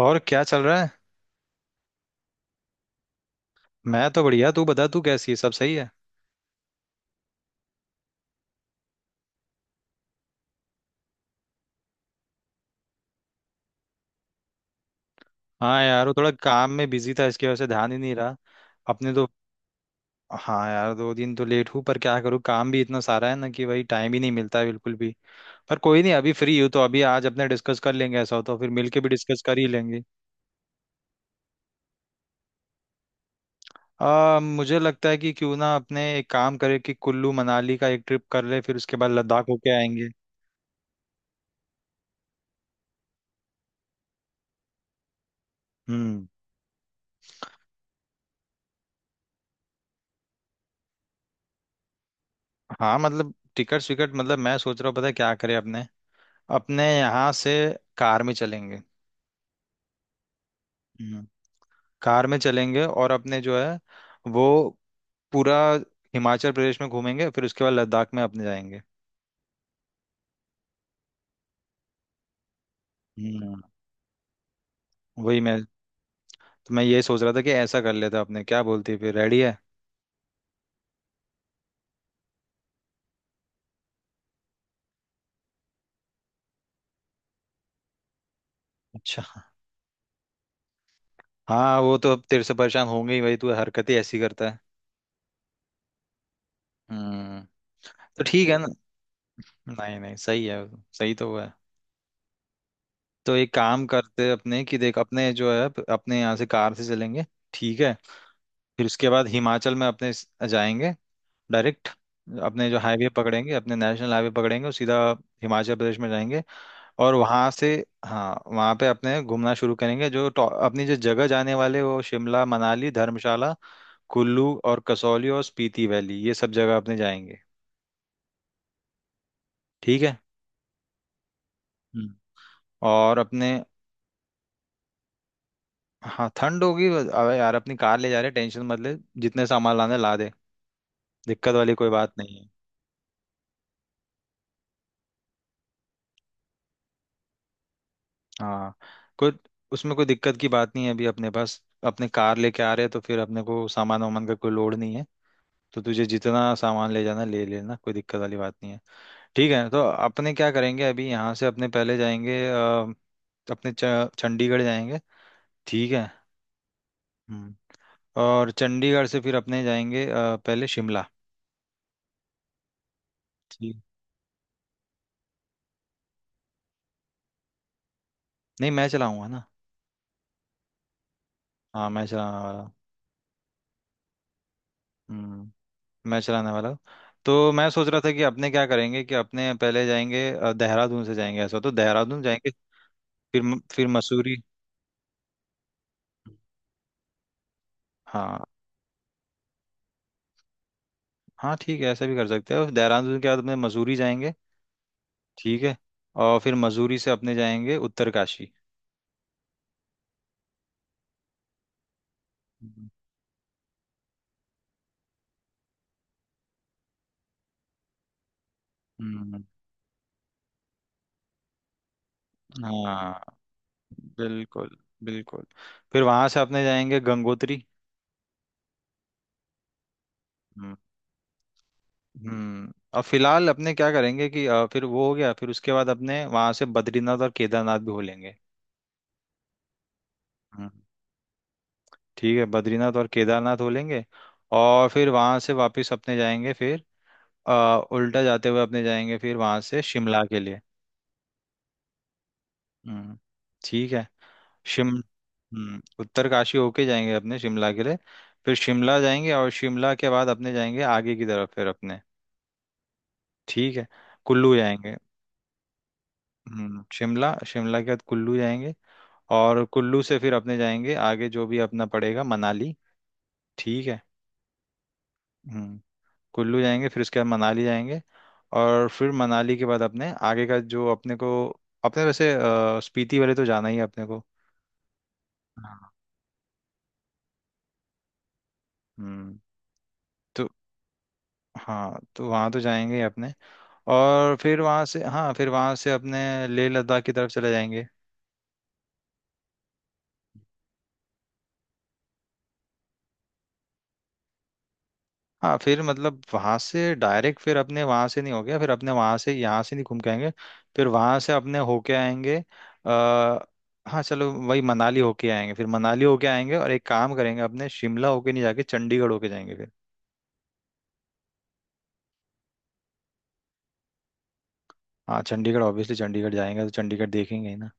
और क्या चल रहा है? मैं तो बढ़िया। तू बता, तू कैसी है? सब सही है? हाँ यार, वो थोड़ा काम में बिजी था, इसकी वजह से ध्यान ही नहीं रहा। अपने तो। हाँ यार, दो दिन तो लेट हूँ, पर क्या करूँ, काम भी इतना सारा है ना कि वही टाइम ही नहीं मिलता है बिल्कुल भी। पर कोई नहीं, अभी फ्री हूँ तो अभी आज अपने डिस्कस कर लेंगे, ऐसा हो तो फिर मिलके भी डिस्कस कर ही लेंगे। मुझे लगता है कि क्यों ना अपने एक काम करें कि कुल्लू मनाली का एक ट्रिप कर ले, फिर उसके बाद लद्दाख होके आएंगे। हम्म। हाँ, मतलब टिकट विकट, मतलब मैं सोच रहा हूँ, पता है क्या करें अपने। अपने यहाँ से कार में चलेंगे। हम्म। कार में चलेंगे और अपने जो है वो पूरा हिमाचल प्रदेश में घूमेंगे, फिर उसके बाद लद्दाख में अपने जाएंगे। हम्म, वही मैं, तो मैं ये सोच रहा था कि ऐसा कर लेते अपने, क्या बोलती है? फिर रेडी है? अच्छा। हाँ, वो तो अब तेरे से परेशान होंगे ही भाई, तू हरकत ही ऐसी करता है। हम्म। तो ठीक है ना? नहीं नहीं, सही है। सही तो हुआ है। तो एक काम करते हैं अपने, कि देख अपने जो है, अपने यहाँ से कार से चलेंगे। ठीक है। फिर उसके बाद हिमाचल में अपने जाएंगे। डायरेक्ट। अपने जो हाईवे पकड़ेंगे, अपने नेशनल हाईवे पकड़ेंगे और सीधा हिमाचल प्रदेश में जाएंगे। और वहाँ से, हाँ, वहाँ पे अपने घूमना शुरू करेंगे, जो अपनी जो जगह जाने वाले, वो शिमला, मनाली, धर्मशाला, कुल्लू और कसौली और स्पीति वैली, ये सब जगह अपने जाएंगे। ठीक है। हम्म। और अपने, हाँ ठंड होगी, अबे यार अपनी कार ले जा रहे, टेंशन मत ले। जितने सामान लाने ला दे। दिक्कत वाली कोई बात नहीं। हाँ, कोई उसमें कोई दिक्कत की बात नहीं है, अभी अपने पास अपने कार लेके आ रहे हैं तो फिर अपने को सामान वामान का कोई लोड नहीं है। तो तुझे जितना सामान ले जाना ले लेना, कोई दिक्कत वाली बात नहीं है। ठीक है, तो अपने क्या करेंगे, अभी यहाँ से अपने पहले जाएंगे अपने चंडीगढ़ जाएंगे। ठीक है। हम्म। और चंडीगढ़ से फिर अपने जाएंगे पहले शिमला। ठीक। नहीं मैं चलाऊंगा ना। हाँ मैं चलाने वाला हूँ। हम्म। मैं चलाने वाला हूँ। तो मैं सोच रहा था कि अपने क्या करेंगे, कि अपने पहले जाएंगे देहरादून से जाएंगे, ऐसा हो तो देहरादून जाएंगे। फिर फिर मसूरी। हाँ हाँ, ठीक है ऐसा भी कर सकते हैं, और देहरादून के बाद अपने मसूरी जाएंगे। ठीक है। और फिर मसूरी से अपने जाएंगे उत्तरकाशी। हम्म, हम्म। हाँ बिल्कुल, बिल्कुल। फिर वहां से अपने जाएंगे गंगोत्री। हम्म। और फिलहाल अपने क्या करेंगे कि फिर वो हो गया, फिर उसके बाद अपने वहां से बद्रीनाथ और केदारनाथ भी हो लेंगे। ठीक है, बद्रीनाथ और केदारनाथ हो लेंगे। और फिर वहां से वापस अपने जाएंगे फिर, अ, उल्टा जाते हुए अपने जाएंगे फिर वहां से शिमला के लिए। हम्म, ठीक है। शिम उत्तरकाशी होके जाएंगे अपने शिमला के लिए। फिर शिमला जाएंगे और शिमला के बाद अपने जाएंगे आगे की तरफ फिर अपने। ठीक है, कुल्लू जाएंगे। शिमला शिमला के बाद कुल्लू जाएंगे। और कुल्लू से फिर अपने जाएंगे आगे, जो भी अपना पड़ेगा, मनाली। ठीक है। हम्म। कुल्लू जाएंगे, फिर उसके बाद मनाली जाएंगे। और फिर मनाली के बाद अपने आगे का जो अपने को, अपने वैसे स्पीति वाले तो जाना ही है अपने को। हाँ। हम्म। तो हाँ, तो वहाँ तो जाएंगे ही अपने। और फिर वहाँ से, हाँ, फिर वहाँ से अपने लेह लद्दाख की तरफ चले जाएंगे। हाँ फिर मतलब वहां से डायरेक्ट फिर अपने वहां से नहीं हो गया, फिर अपने वहां से यहाँ से नहीं घूम के आएंगे। फिर वहां से अपने होके आएंगे। आ, हाँ चलो, वही मनाली होके आएंगे, फिर मनाली होके आएंगे, और एक काम करेंगे अपने शिमला होके नहीं, जाके चंडीगढ़ होके जाएंगे फिर। हाँ चंडीगढ़, ऑब्वियसली चंडीगढ़ जाएंगे तो चंडीगढ़ देखेंगे ही ना।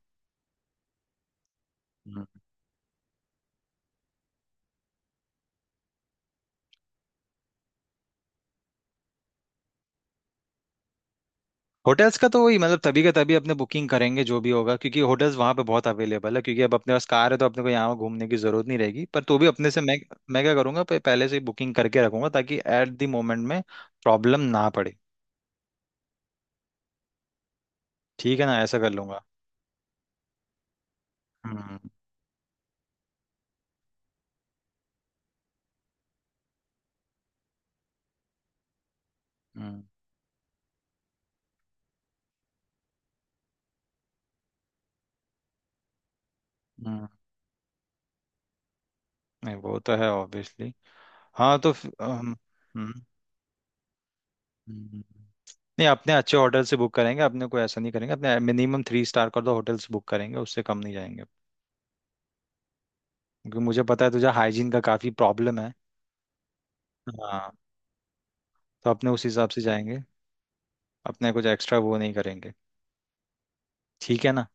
होटल्स का तो वही, मतलब तभी का तभी अपने बुकिंग करेंगे जो भी होगा, क्योंकि होटल्स वहां पे बहुत अवेलेबल है, क्योंकि अब अपने पास कार है तो अपने को यहाँ घूमने की जरूरत नहीं रहेगी, पर तो भी अपने से मैं क्या करूंगा पहले से ही बुकिंग करके रखूंगा ताकि एट द मोमेंट में प्रॉब्लम ना पड़े। ठीक है ना, ऐसा कर लूंगा। हम्म, हम्म, हम्म। नहीं वो तो है ऑब्वियसली। हाँ, तो फिर, हम्म, हम्म। नहीं, अपने अच्छे होटल से बुक करेंगे, अपने कोई ऐसा नहीं करेंगे, अपने मिनिमम थ्री स्टार का तो होटल से बुक करेंगे, उससे कम नहीं जाएंगे। क्योंकि मुझे पता है तुझे हाइजीन का काफी प्रॉब्लम है। हाँ। तो अपने उस हिसाब से जाएंगे। अपने कुछ एक्स्ट्रा वो नहीं करेंगे। ठीक है ना।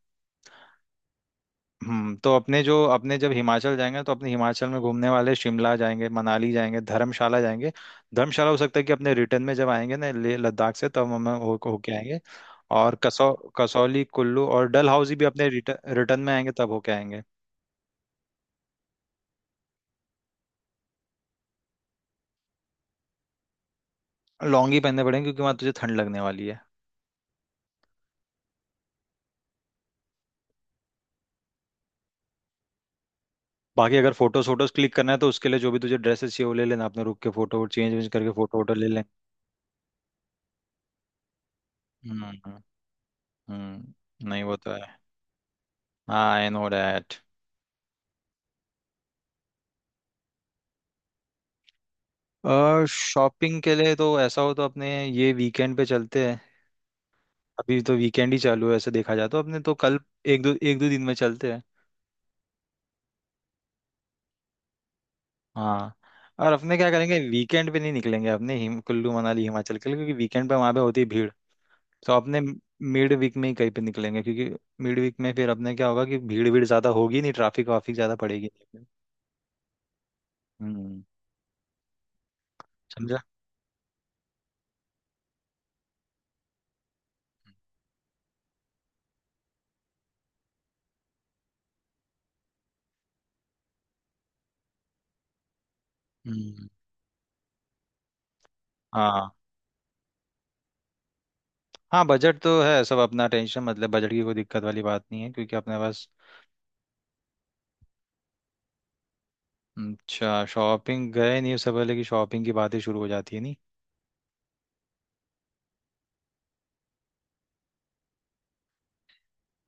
तो अपने जो अपने जब हिमाचल जाएंगे, तो अपने हिमाचल में घूमने वाले शिमला जाएंगे, मनाली जाएंगे, धर्मशाला जाएंगे। धर्मशाला हो सकता है कि अपने रिटर्न में जब आएंगे ना ले लद्दाख से, तब हम हो होके आएंगे। और कसौली, कुल्लू और डल हाउसी भी अपने रिटर्न रिटर्न में आएंगे तब होके आएंगे। लॉन्ग ही पहनने पड़ेंगे क्योंकि वहां तुझे ठंड लगने वाली है। बाकी, अगर फोटोज फोटोज क्लिक करना है तो उसके लिए जो भी तुझे ड्रेसेस चाहिए वो ले लेना, अपने रुक के फोटो चेंज वेंज करके फोटो वोटो ले लें। हम्म, हम्म, हम्म, नहीं वो तो है। हाँ, आई नो डैट। और शॉपिंग के लिए तो ऐसा हो तो अपने ये वीकेंड पे चलते हैं। अभी तो वीकेंड ही चालू है, ऐसे देखा जाए तो अपने तो कल एक दो दिन में चलते हैं। हाँ, और अपने क्या करेंगे वीकेंड पे नहीं निकलेंगे अपने हिम कुल्लू मनाली हिमाचल के लिए, क्योंकि वीकेंड पे वहाँ पे होती है भीड़। तो अपने मिड वीक में ही कहीं पे निकलेंगे, क्योंकि मिड वीक में फिर अपने क्या होगा कि भीड़ भीड़ ज़्यादा होगी नहीं, ट्रैफिक वाफिक ज़्यादा पड़ेगी। नहीं। हम्म, समझा। हम्म, हाँ। हाँ बजट तो है सब अपना, टेंशन मतलब बजट की कोई दिक्कत वाली बात नहीं है क्योंकि अपने पास। अच्छा, शॉपिंग गए नहीं उससे पहले कि शॉपिंग की बातें शुरू हो जाती है, नहीं?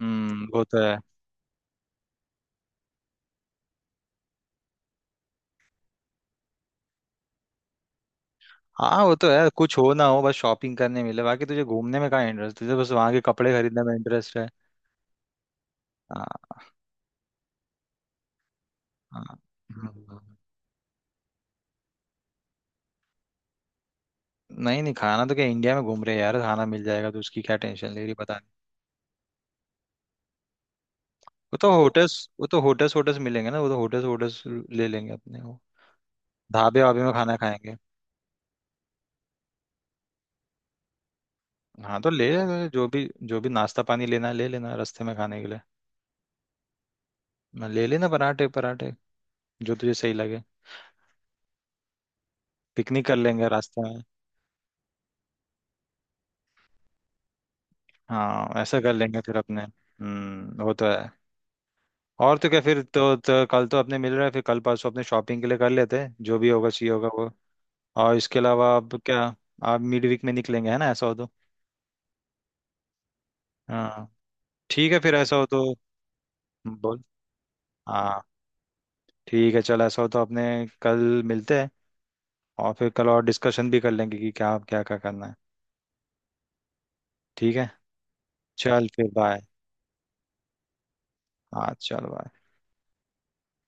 हम्म, वो तो है। हाँ वो तो है, कुछ हो ना हो बस शॉपिंग करने मिले, बाकी तुझे घूमने में कहाँ इंटरेस्ट, तुझे बस वहाँ के कपड़े खरीदने में इंटरेस्ट है। हाँ, हाँ। हम्म। नहीं नहीं, खाना तो क्या इंडिया में घूम रहे हैं यार, खाना मिल जाएगा, तो उसकी क्या टेंशन ले रही पता नहीं। वो तो होटल्स वो तो होटल्स होटल्स मिलेंगे ना, वो तो होटल्स होटल्स ले लेंगे अपने, वो ढाबे वाबे में खाना खाएंगे। हाँ तो ले ले, जो भी नाश्ता पानी लेना है ले लेना रास्ते में खाने के लिए। ले लेना पराठे पराठे। जो तुझे सही लगे। पिकनिक कर लेंगे रास्ते में। हाँ ऐसा कर लेंगे फिर अपने, वो तो है। और तो क्या फिर तो कल तो अपने मिल रहे हैं, फिर कल परसों अपने शॉपिंग के लिए कर लेते हैं जो भी होगा चाहिए होगा वो। और इसके अलावा अब क्या। आप मिड वीक में निकलेंगे है ना, ऐसा हो तो। हाँ ठीक है फिर ऐसा हो तो। बोल। हाँ ठीक है चल, ऐसा हो तो अपने कल मिलते हैं, और फिर कल और डिस्कशन भी कर लेंगे कि क्या क्या क्या करना है। ठीक है। चल फिर बाय। हाँ चल बाय।